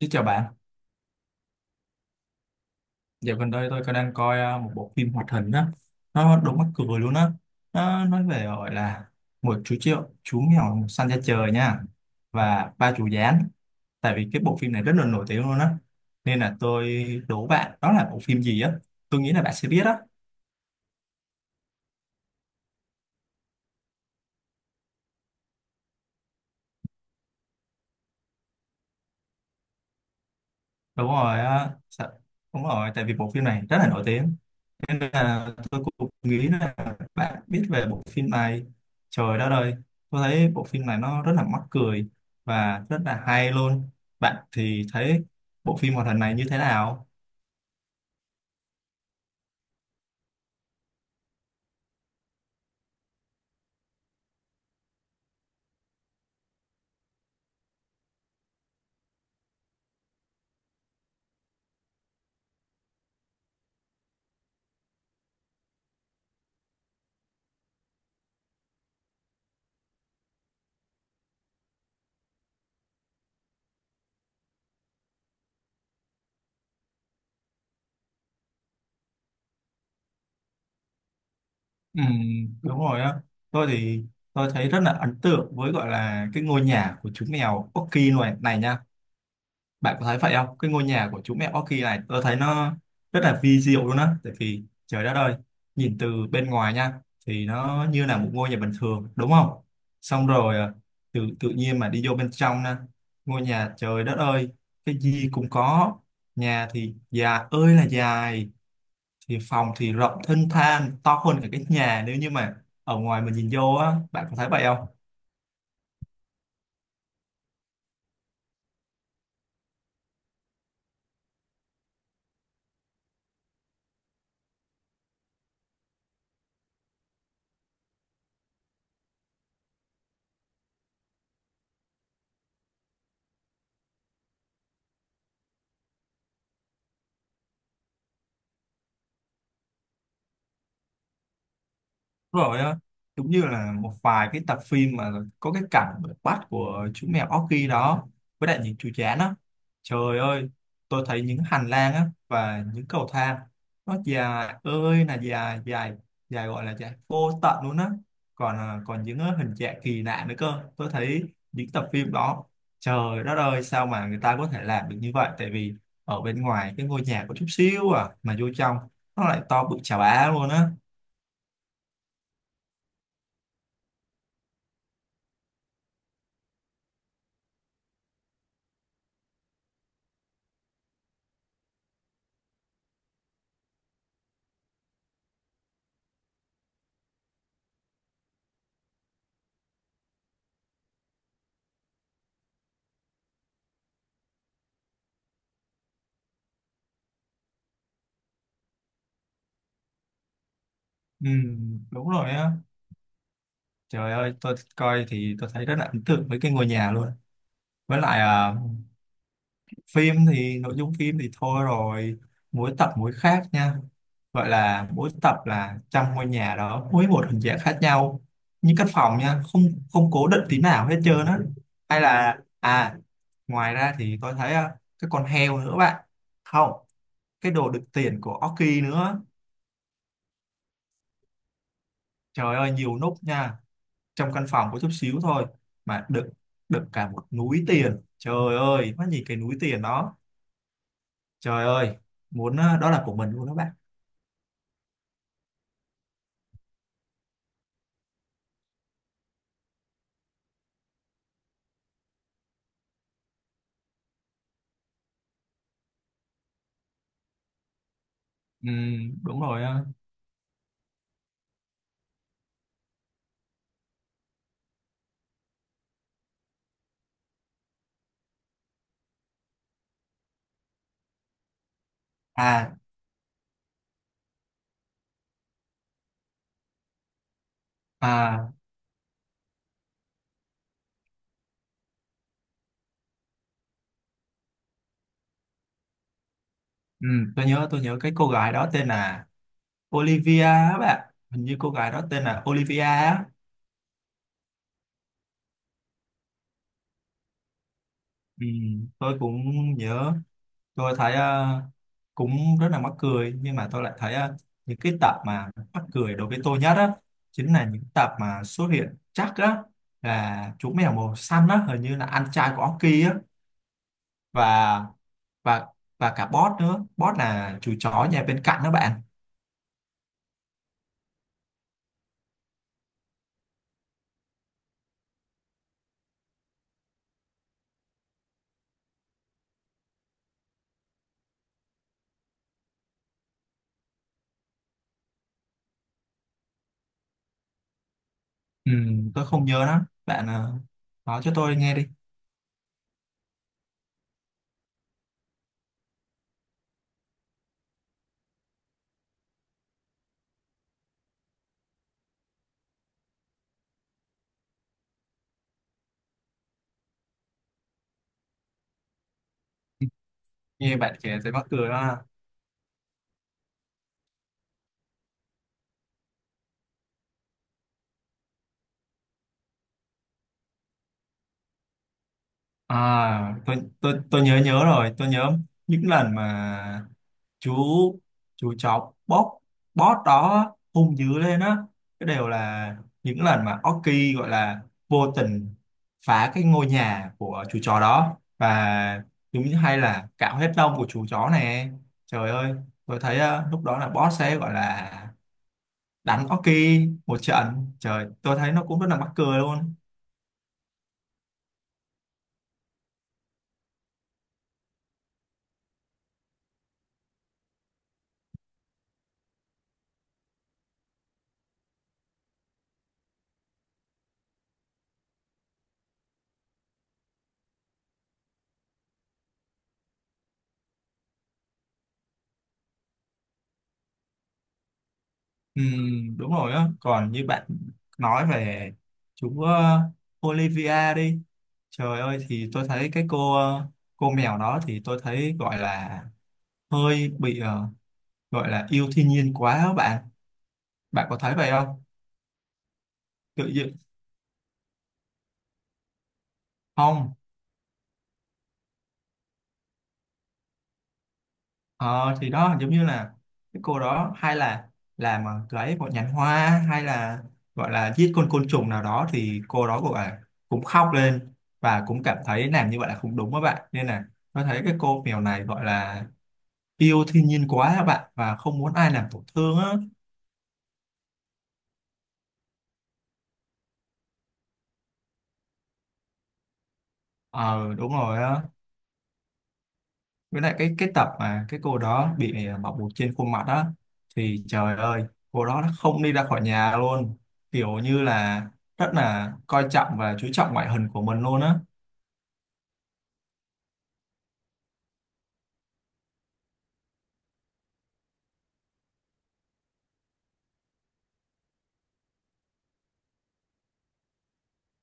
Xin chào bạn, dạo gần đây tôi có đang coi một bộ phim hoạt hình á, nó đúng mắc cười luôn á, nó nói về gọi là một chú triệu chú mèo săn ra trời nha và ba chú gián, tại vì cái bộ phim này rất là nổi tiếng luôn á, nên là tôi đố bạn đó là bộ phim gì á, tôi nghĩ là bạn sẽ biết á, đúng rồi, á. Đúng rồi, tại vì bộ phim này rất là nổi tiếng. Nên là tôi cũng nghĩ là bạn biết về bộ phim này. Trời đất ơi, tôi thấy bộ phim này nó rất là mắc cười và rất là hay luôn. Bạn thì thấy bộ phim hoạt hình này như thế nào? Ừ, đúng rồi á. Tôi thì tôi thấy rất là ấn tượng với gọi là cái ngôi nhà của chú mèo Oki này này nha. Bạn có thấy vậy không? Cái ngôi nhà của chú mẹ Orchid này tôi thấy nó rất là vi diệu luôn á. Tại vì trời đất ơi, nhìn từ bên ngoài nha thì nó như là một ngôi nhà bình thường đúng không? Xong rồi à, tự tự nhiên mà đi vô bên trong nè, ngôi nhà trời đất ơi, cái gì cũng có. Nhà thì dài ơi là dài, thì phòng thì rộng thênh thang, to hơn cả cái nhà nếu như mà ở ngoài mình nhìn vô á, bạn có thấy vậy không? Đúng rồi á, giống như là một vài cái tập phim mà có cái cảnh bắt của chú mèo Orky đó với đại những chú chán á, trời ơi, tôi thấy những hành lang á và những cầu thang nó dài ơi là dài dài dài, gọi là dài vô tận luôn á. Còn còn những hình trạng kỳ lạ nữa cơ tôi thấy những tập phim đó. Trời đất ơi, sao mà người ta có thể làm được như vậy, tại vì ở bên ngoài cái ngôi nhà có chút xíu à mà vô trong nó lại to bự chà bá luôn á. Ừ, đúng rồi á. Trời ơi, tôi coi thì tôi thấy rất là ấn tượng với cái ngôi nhà luôn. Với lại à, phim thì nội dung phim thì thôi rồi, mỗi tập mỗi khác nha. Gọi là mỗi tập là trong ngôi nhà đó, mỗi một hình dạng khác nhau. Như căn phòng nha, không không cố định tí nào hết trơn á. Hay là à, ngoài ra thì tôi thấy à, cái con heo nữa bạn. Không, cái đồ đựng tiền của oki nữa. Trời ơi, nhiều nút nha. Trong căn phòng có chút xíu thôi mà đựng đựng cả một núi tiền, trời ơi mắt nhìn cái núi tiền đó, trời ơi muốn đó là của mình luôn đó bạn. Ừ, đúng rồi ờ. À à. Ừ, tôi nhớ cái cô gái đó tên là Olivia á bạn, hình như cô gái đó tên là Olivia á. Ừ, tôi cũng nhớ. Tôi thấy cũng rất là mắc cười, nhưng mà tôi lại thấy những cái tập mà mắc cười đối với tôi nhất á chính là những tập mà xuất hiện chắc á là chú mèo màu xanh á, hình như là anh trai của Orky á. Và và và cả boss nữa, boss là chú chó nhà bên cạnh đó bạn. Ừ, tôi không nhớ lắm bạn, nói cho tôi nghe đi. Nghe bạn kể thấy mắc cười đó. À, tôi tôi nhớ nhớ rồi. Tôi nhớ những lần mà chú chú chó bót bót đó hung dữ lên á, cái đều là những lần mà Oki gọi là vô tình phá cái ngôi nhà của chú chó đó và giống như hay là cạo hết lông của chú chó này. Trời ơi, tôi thấy lúc đó là boss sẽ gọi là đánh Oki một trận, trời tôi thấy nó cũng rất là mắc cười luôn. Ừ, đúng rồi á, còn như bạn nói về chú Olivia đi. Trời ơi thì tôi thấy cái cô cô mèo đó thì tôi thấy gọi là hơi bị gọi là yêu thiên nhiên quá á bạn, bạn có thấy vậy không? Tự nhiên không. Ờ thì đó giống như là cái cô đó hay là làm lấy một nhánh hoa hay là gọi là giết con côn trùng nào đó thì cô đó cũng là cũng khóc lên và cũng cảm thấy làm như vậy là không đúng các bạn, nên là tôi thấy cái cô mèo này gọi là yêu thiên nhiên quá các bạn và không muốn ai làm tổn thương á. Ờ đúng rồi á, với lại cái tập mà cái cô đó bị à, bọc bột trên khuôn mặt á thì trời ơi cô đó không đi ra khỏi nhà luôn, kiểu như là rất là coi trọng và chú trọng ngoại hình của mình luôn á.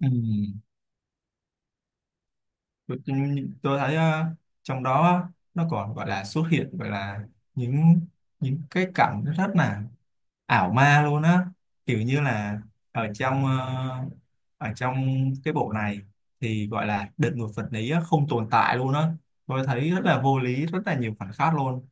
Ừ. tôi, tôi thấy à, trong đó nó còn gọi là xuất hiện gọi là những những cái cảnh rất là ảo ma luôn á, kiểu như là ở trong ở trong cái bộ này thì gọi là đợt ngược vật lý á, không tồn tại luôn á. Tôi thấy rất là vô lý, rất là nhiều phản khác luôn.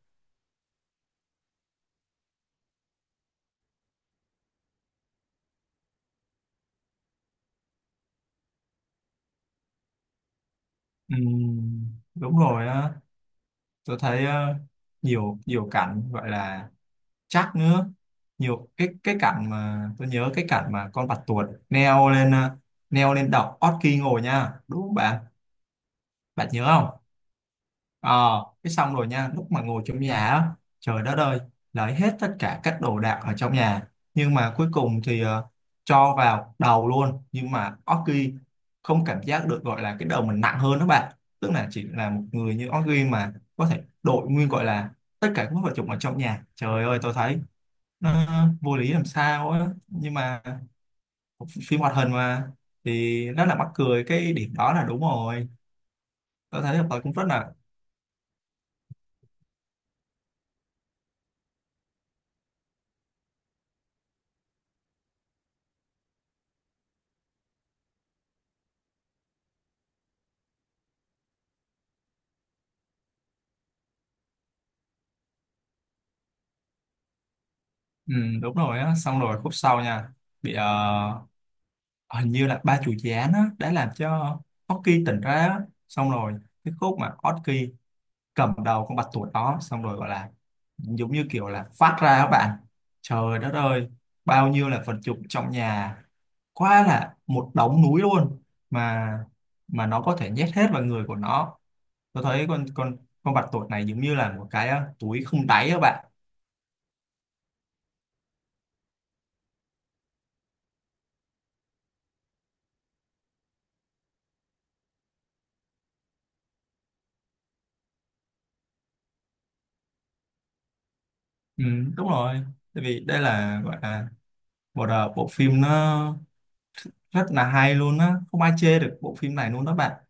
Đúng rồi á, tôi thấy nhiều nhiều cảnh gọi là chắc nữa, nhiều cái cảnh mà tôi nhớ cái cảnh mà con bạch tuộc leo lên leo lên đọc Orki ngồi nha đúng không bạn, bạn nhớ không? Ờ, cái xong rồi nha, lúc mà ngồi trong nhà á, trời đất ơi, lấy hết tất cả các đồ đạc ở trong nhà. Nhưng mà cuối cùng thì cho vào đầu luôn. Nhưng mà Orki không cảm giác được gọi là cái đầu mình nặng hơn đó bạn. Tức là chỉ là một người như Orki mà có thể đội nguyên gọi là tất cả các vật dụng ở trong nhà. Trời ơi, tôi thấy nó vô lý làm sao á. Nhưng mà phim hoạt hình mà thì rất là mắc cười cái điểm đó là đúng rồi. Tôi thấy là tôi cũng rất là. Ừ, đúng rồi á, xong rồi khúc sau nha, bị hình như là ba chủ gián á đã làm cho Oki tỉnh ra á, xong rồi cái khúc mà Oki cầm đầu con bạch tuộc đó xong rồi gọi là giống như kiểu là phát ra các bạn, trời đất ơi bao nhiêu là vật dụng trong nhà, quá là một đống núi luôn, mà mà nó có thể nhét hết vào người của nó. Tôi thấy con con bạch tuộc này giống như là một cái túi không đáy các bạn. Ừ, đúng rồi, tại vì đây là gọi là à, bộ phim nó rất là hay luôn á, không ai chê được bộ phim này luôn đó bạn.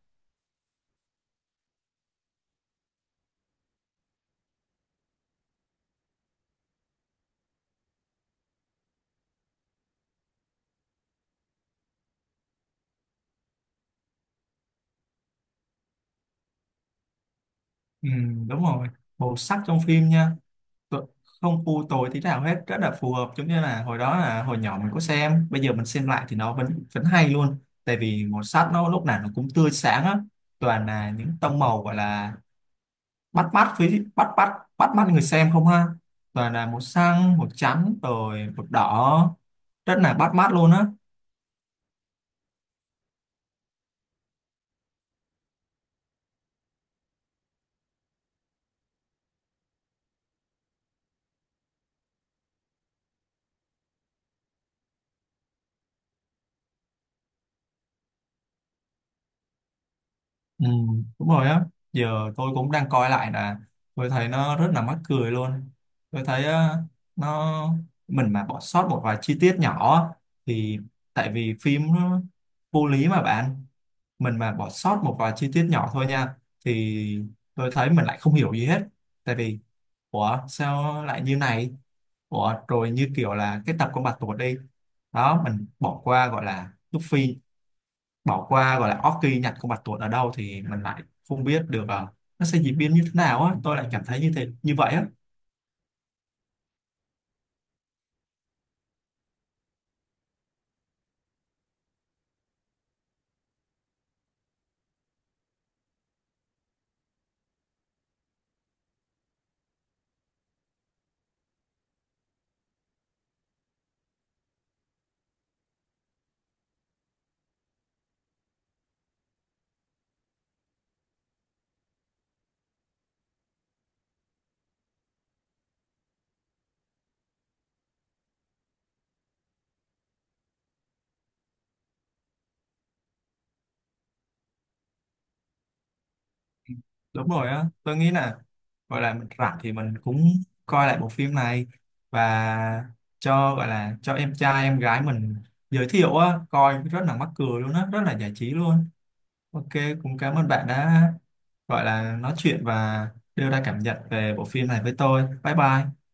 Ừ, đúng rồi, màu sắc trong phim nha, tu- không u tối tí nào hết, rất là phù hợp, giống như là hồi đó là hồi nhỏ mình có xem, bây giờ mình xem lại thì nó vẫn vẫn hay luôn, tại vì màu sắc nó lúc nào nó cũng tươi sáng á, toàn là những tông màu gọi là bắt mắt với bắt bắt bắt mắt người xem không ha, toàn là màu xanh màu trắng rồi màu đỏ, rất là bắt mắt luôn á. Ừ, đúng rồi á, giờ tôi cũng đang coi lại là tôi thấy nó rất là mắc cười luôn. Tôi thấy nó mình mà bỏ sót một vài chi tiết nhỏ á, thì tại vì phim nó vô lý mà bạn, mình mà bỏ sót một vài chi tiết nhỏ thôi nha thì tôi thấy mình lại không hiểu gì hết, tại vì ủa sao lại như này, ủa rồi như kiểu là cái tập con bạch tuộc đi, đó mình bỏ qua gọi là Luffy, bỏ qua gọi là Orki nhặt con bạch tuộc ở đâu thì mình lại không biết được nó sẽ diễn biến như thế nào á, tôi lại cảm thấy như thế như vậy á. Đúng rồi á, tôi nghĩ là gọi là mình rảnh thì mình cũng coi lại bộ phim này và cho gọi là cho em trai em gái mình giới thiệu á, coi rất là mắc cười luôn á, rất là giải trí luôn. Ok, cũng cảm ơn bạn đã gọi là nói chuyện và đưa ra cảm nhận về bộ phim này với tôi. Bye bye.